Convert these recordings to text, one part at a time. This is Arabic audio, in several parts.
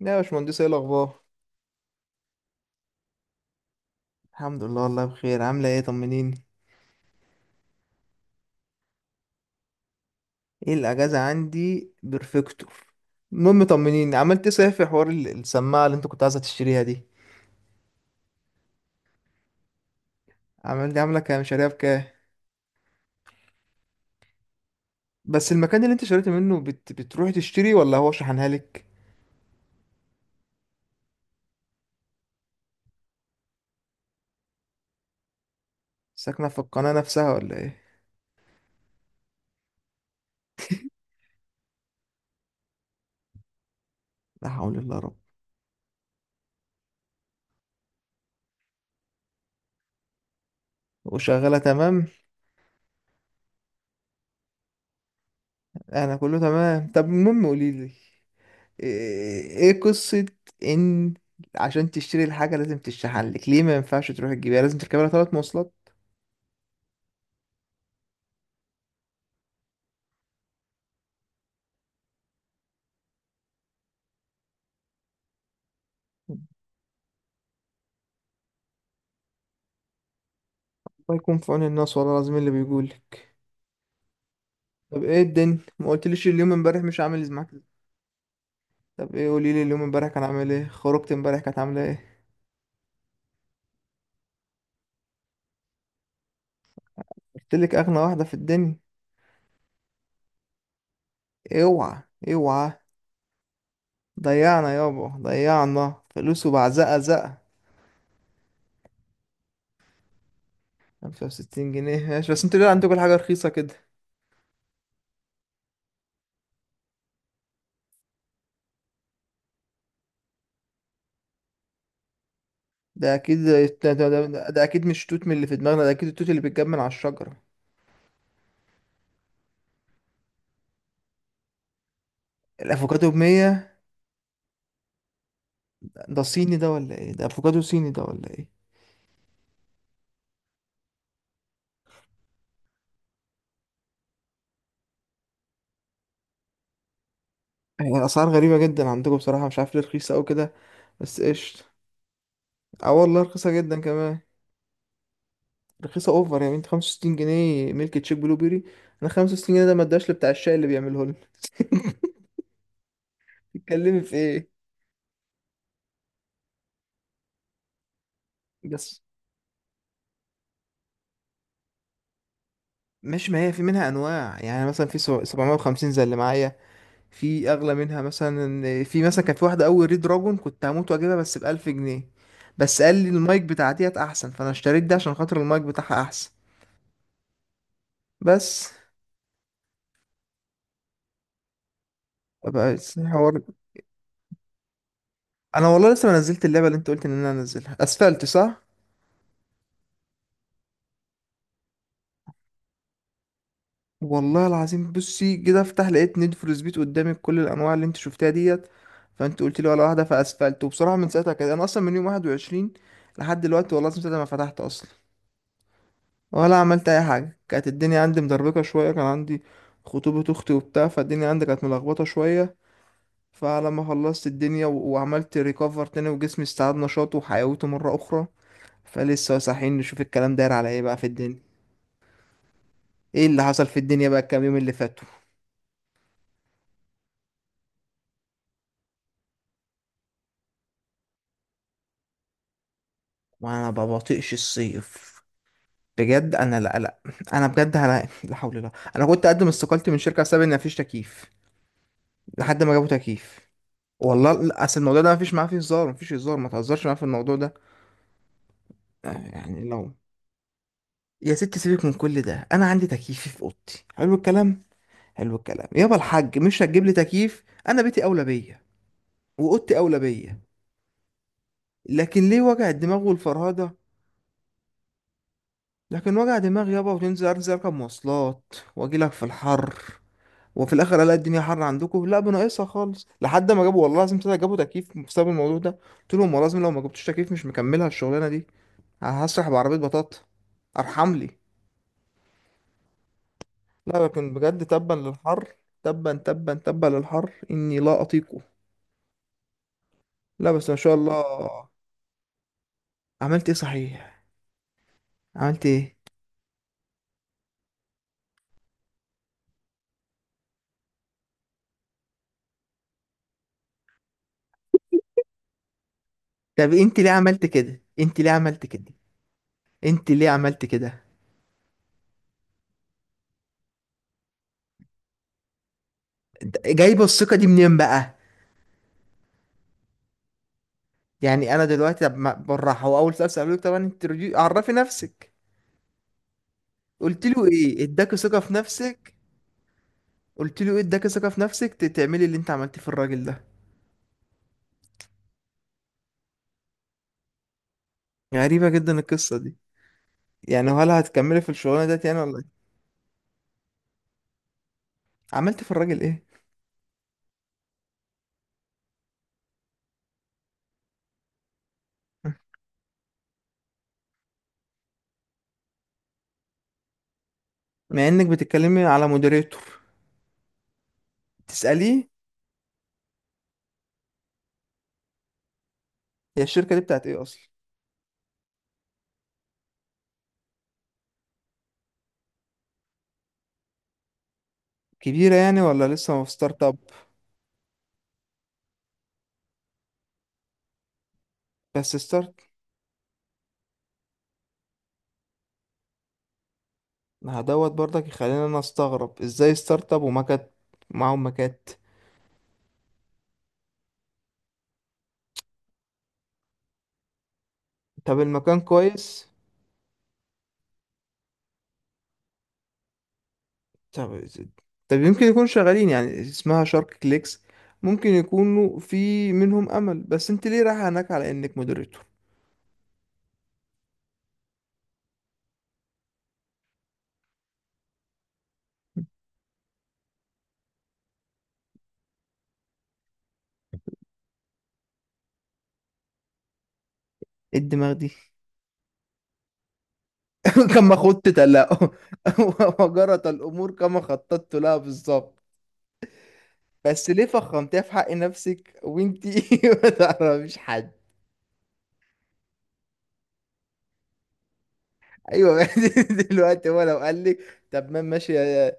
يا باشمهندس، ايه الاخبار؟ الحمد لله والله بخير. عامله ايه؟ طمنيني. ايه الاجازه عندي؟ بيرفكتور. المهم طمنيني، عملت ايه صحيح في حوار السماعه اللي انت كنت عايزه تشتريها دي؟ عملت عامله كام؟ شاريها بكام؟ بس المكان اللي انت شريت منه بتروحي تشتري ولا هو شحنها لك؟ ساكنه في القناه نفسها ولا ايه؟ لا حول الله يا رب. وشغاله تمام؟ انا كله تمام. طب المهم قولي لي ايه؟ إيه قصه ان عشان تشتري الحاجه لازم تشحن لك؟ ليه ما ينفعش تروح تجيبها، لازم تركبها ثلاث مواصلات؟ الله يكون في عون الناس والله العظيم اللي بيقولك. طب ايه الدنيا؟ ما قلتليش، اليوم امبارح مش عامل إز معاك. طب ايه، قولي لي، اليوم امبارح كان عامل ايه؟ خرجت امبارح، كانت عامله ايه؟ قلتلك اغنى واحده في الدنيا. اوعى، اوعى. ضيعنا يابا، ضيعنا فلوس وبعزقه زقه. 65 جنيه ماشي، بس انتوا ليه عندكم كل حاجه رخيصه كده؟ ده اكيد. ده اكيد مش توت من اللي في دماغنا، ده اكيد التوت اللي بيتجمع من على الشجره. الافوكادو ب 100؟ ده صيني ده ولا ايه؟ ده افوكادو صيني ده ولا ايه؟ هي الأسعار غريبة جدا عندكم بصراحة، مش عارف ليه رخيصة أوي كده. بس قشطة. اه والله رخيصة جدا كمان. رخيصة اوفر يعني، انت 65 جنيه ميلك تشيك بلو بيري، انا 65 جنيه ده ما اداش لبتاع الشاي اللي بيعمله لنا. تتكلمي في ايه؟ بس مش، ما هي في منها انواع، يعني مثلا في 750 زي اللي معايا. في اغلى منها مثلا، في مثلا كان في واحده اول ريد دراجون كنت هموت واجيبها، بس ب 1000 جنيه. بس قال لي المايك بتاع ديت احسن، فانا اشتريت ده عشان خاطر المايك بتاعها احسن بس. بقى حوار، انا والله لسه ما نزلت اللعبه اللي انت قلت ان انا انزلها، اسفلت صح. والله العظيم بصي كده افتح لقيت نيد فور سبيد قدامي بكل الانواع اللي انت شفتها ديت، فانت قلت لي ولا واحده فاسفلت. وبصراحه من ساعتها كده انا اصلا من يوم 21 لحد دلوقتي والله العظيم ساعتها ما فتحت اصلا، ولا عملت اي حاجه. كانت الدنيا عندي مدربكه شويه، كان عندي خطوبه اختي وبتاع، فالدنيا عندي كانت ملخبطه شويه. فلما خلصت الدنيا و- وعملت ريكفر تاني وجسمي استعاد نشاطه وحيويته مره اخرى، فلسه صاحيين نشوف الكلام داير على ايه بقى في الدنيا. ايه اللي حصل في الدنيا بقى الكام يوم اللي فاتوا؟ وانا ما بطيقش الصيف بجد. انا لا لا، انا بجد انا لا حول الله، انا كنت اقدم استقالتي من شركه بسبب ان مفيش تكييف لحد ما جابوا تكييف. والله لا، اصل الموضوع ده مفيش معاه، فيه هزار مفيش هزار، ما تهزرش معاه في الموضوع ده. آه، يعني لو. يا ستي سيبك من كل ده، انا عندي تكييفي في اوضتي، حلو الكلام. حلو الكلام يابا الحاج، مش هتجيب لي تكييف، انا بيتي اولى بيا واوضتي اولى بيا. لكن ليه وجع الدماغ والفرهده؟ لكن وجع دماغ يابا، وتنزل، انزل اركب مواصلات واجي لك في الحر، وفي الاخر الاقي الدنيا حر عندكم، لا بناقصها خالص. لحد ما جابوا، والله لازم طلع، جابوا تكييف بسبب الموضوع ده، قلت لهم والله لازم لو ما جبتوش تكييف مش مكملها الشغلانه دي، هسرح بعربيه بطاطا ارحم لي. لا لكن بجد تبا للحر، تبا تبا تبا للحر، اني لا اطيقه. لا بس ما شاء الله. عملت ايه صحيح؟ عملت ايه؟ طب انت ليه عملت كده؟ انت ليه عملت كده؟ انت ليه عملت كده؟ جايبه الثقه دي منين بقى؟ يعني انا دلوقتي طب بالراحه، هو اول سؤال سالوك طبعا انتروديو، عرفي نفسك. قلت له ايه اداك ثقه في نفسك؟ قلت له ايه اداك ثقه في نفسك تعملي اللي انت عملتيه في الراجل ده؟ غريبه جدا القصه دي. يعني هل هتكملي في الشغلانه ديت يعني ولا إيه؟ عملت في الراجل ايه؟ مع انك بتتكلمي على مودريتور. تساليه. هي الشركه دي بتاعت ايه اصلا؟ كبيره يعني ولا لسه في ستارت اب؟ بس ستارت. ما هدوت برضك، يخليني انا استغرب ازاي ستارت اب ومكات، معاهم مكات. طب المكان كويس؟ طب. طب يمكن يكونوا شغالين، يعني اسمها شارك كليكس، ممكن يكونوا في منهم امل. بس انت ليه رايح هناك على انك مودريتور؟ إيه الدماغ دي؟ كما خدت لا وجرت الامور كما خططت لها بالظبط. بس ليه فخمتيها في حق نفسك وانت ما تعرفيش حد؟ ايوه. دلوقتي هو لو قال لك، طب ما ماشي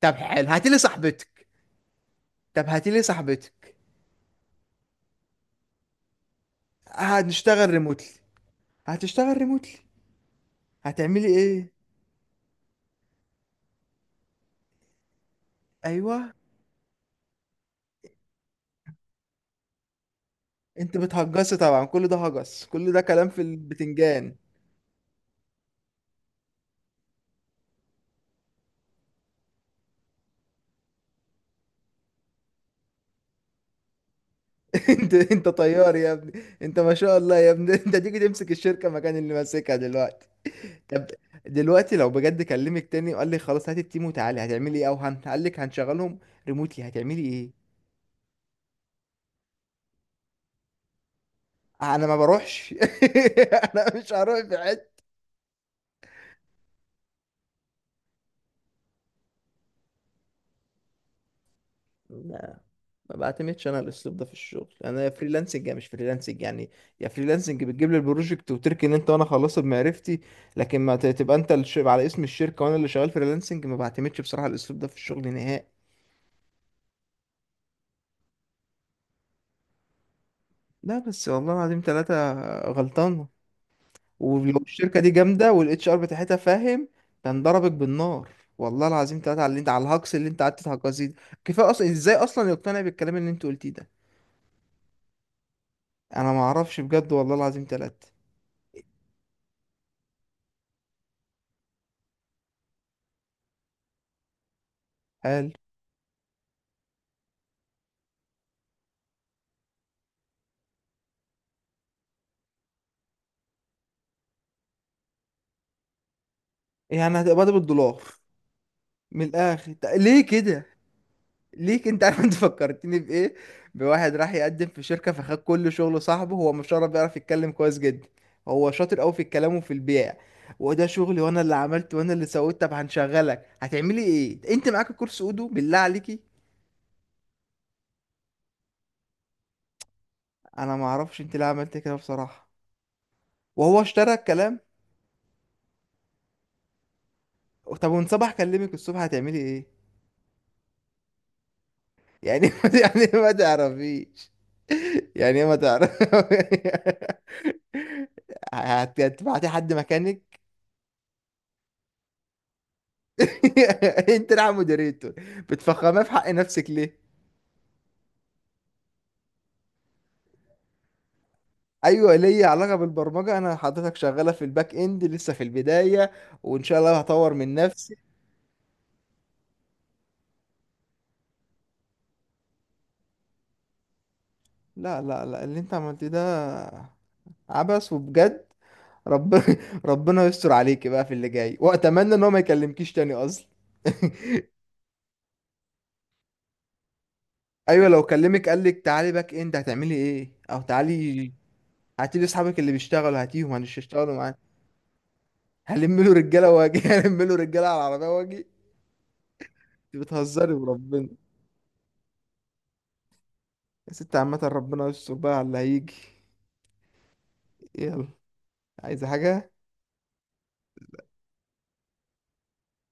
طب حلو هاتي لي صاحبتك. طب هاتي لي صاحبتك، هنشتغل ريموتلي. هتشتغل ريموتلي. هتعملي ايه؟ ايوه. انت بتهجصي طبعا، كل ده هجس، كل ده كلام في البتنجان. انت طيار يا ابني. انت ما شاء الله يا ابني انت تيجي تمسك الشركة مكان اللي ماسكها دلوقتي. طب دلوقتي لو بجد كلمك تاني وقال لي خلاص هات التيم وتعالي، هتعملي ايه؟ او قال لك هنشغلهم ريموتلي، هتعملي ايه؟ انا ما بروحش. انا مش هروح في حته. ما بعتمدش انا على الاسلوب ده في الشغل، انا يا فريلانسنج يا مش فريلانسنج يعني. يا فريلانسنج بتجيب لي البروجكت وتركن انت، وانا خلصت بمعرفتي. لكن ما تبقى انت على اسم الشركه وانا اللي شغال فريلانسنج، ما بعتمدش بصراحه على الاسلوب ده في الشغل نهائي. لا بس والله العظيم ثلاثة، غلطان. ولو الشركة دي جامدة والاتش ار بتاعتها فاهم، كان ضربك بالنار. والله العظيم ثلاثة على اللي انت، على الهجص اللي انت قعدت تهجصيه ده. كفاية اصلا، ازاي اصلا يقتنع بالكلام اللي انت قلتيه ده؟ انا ما اعرفش بجد، والله العظيم ثلاثة. هل يعني هتقبض بالدولار؟ من الاخر طب ليه كده؟ ليه كده؟ انت عارف انت فكرتني بايه؟ بواحد راح يقدم في شركه فخد كل شغله صاحبه، هو مش عارف، بيعرف يتكلم كويس جدا، هو شاطر قوي في الكلام وفي البيع، وده شغلي وانا اللي عملت وانا اللي سويت. طب هنشغلك هتعملي ايه؟ انت معاك الكورس اودو بالله عليكي؟ انا ما اعرفش انت ليه عملت كده بصراحه، وهو اشترى الكلام. طب وان صباح كلمك الصبح هتعملي ايه يعني؟ يعني ما تعرفيش، يعني ما تعرف. هتبعتي حد مكانك؟ انت راح مودريتور، بتفخمها في حق نفسك ليه؟ ايوه ليا علاقه بالبرمجه، انا حضرتك شغاله في الباك اند لسه في البدايه، وان شاء الله هطور من نفسي. لا لا لا، اللي انت عملتيه ده عبث وبجد. ربنا ربنا يستر عليكي بقى في اللي جاي، واتمنى ان هو ما يكلمكيش تاني اصلا. ايوه، لو كلمك قال لك تعالي باك اند هتعملي ايه؟ او تعالي هاتي لي اصحابك اللي بيشتغلوا، هاتيهم هنشتغلوا معاك. هلم له رجاله واجي هلم له رجاله على العربيه واجي. انت بتهزري وربنا. يا ستي عامه ربنا يستر بقى على اللي هيجي. يلا، عايزه حاجه؟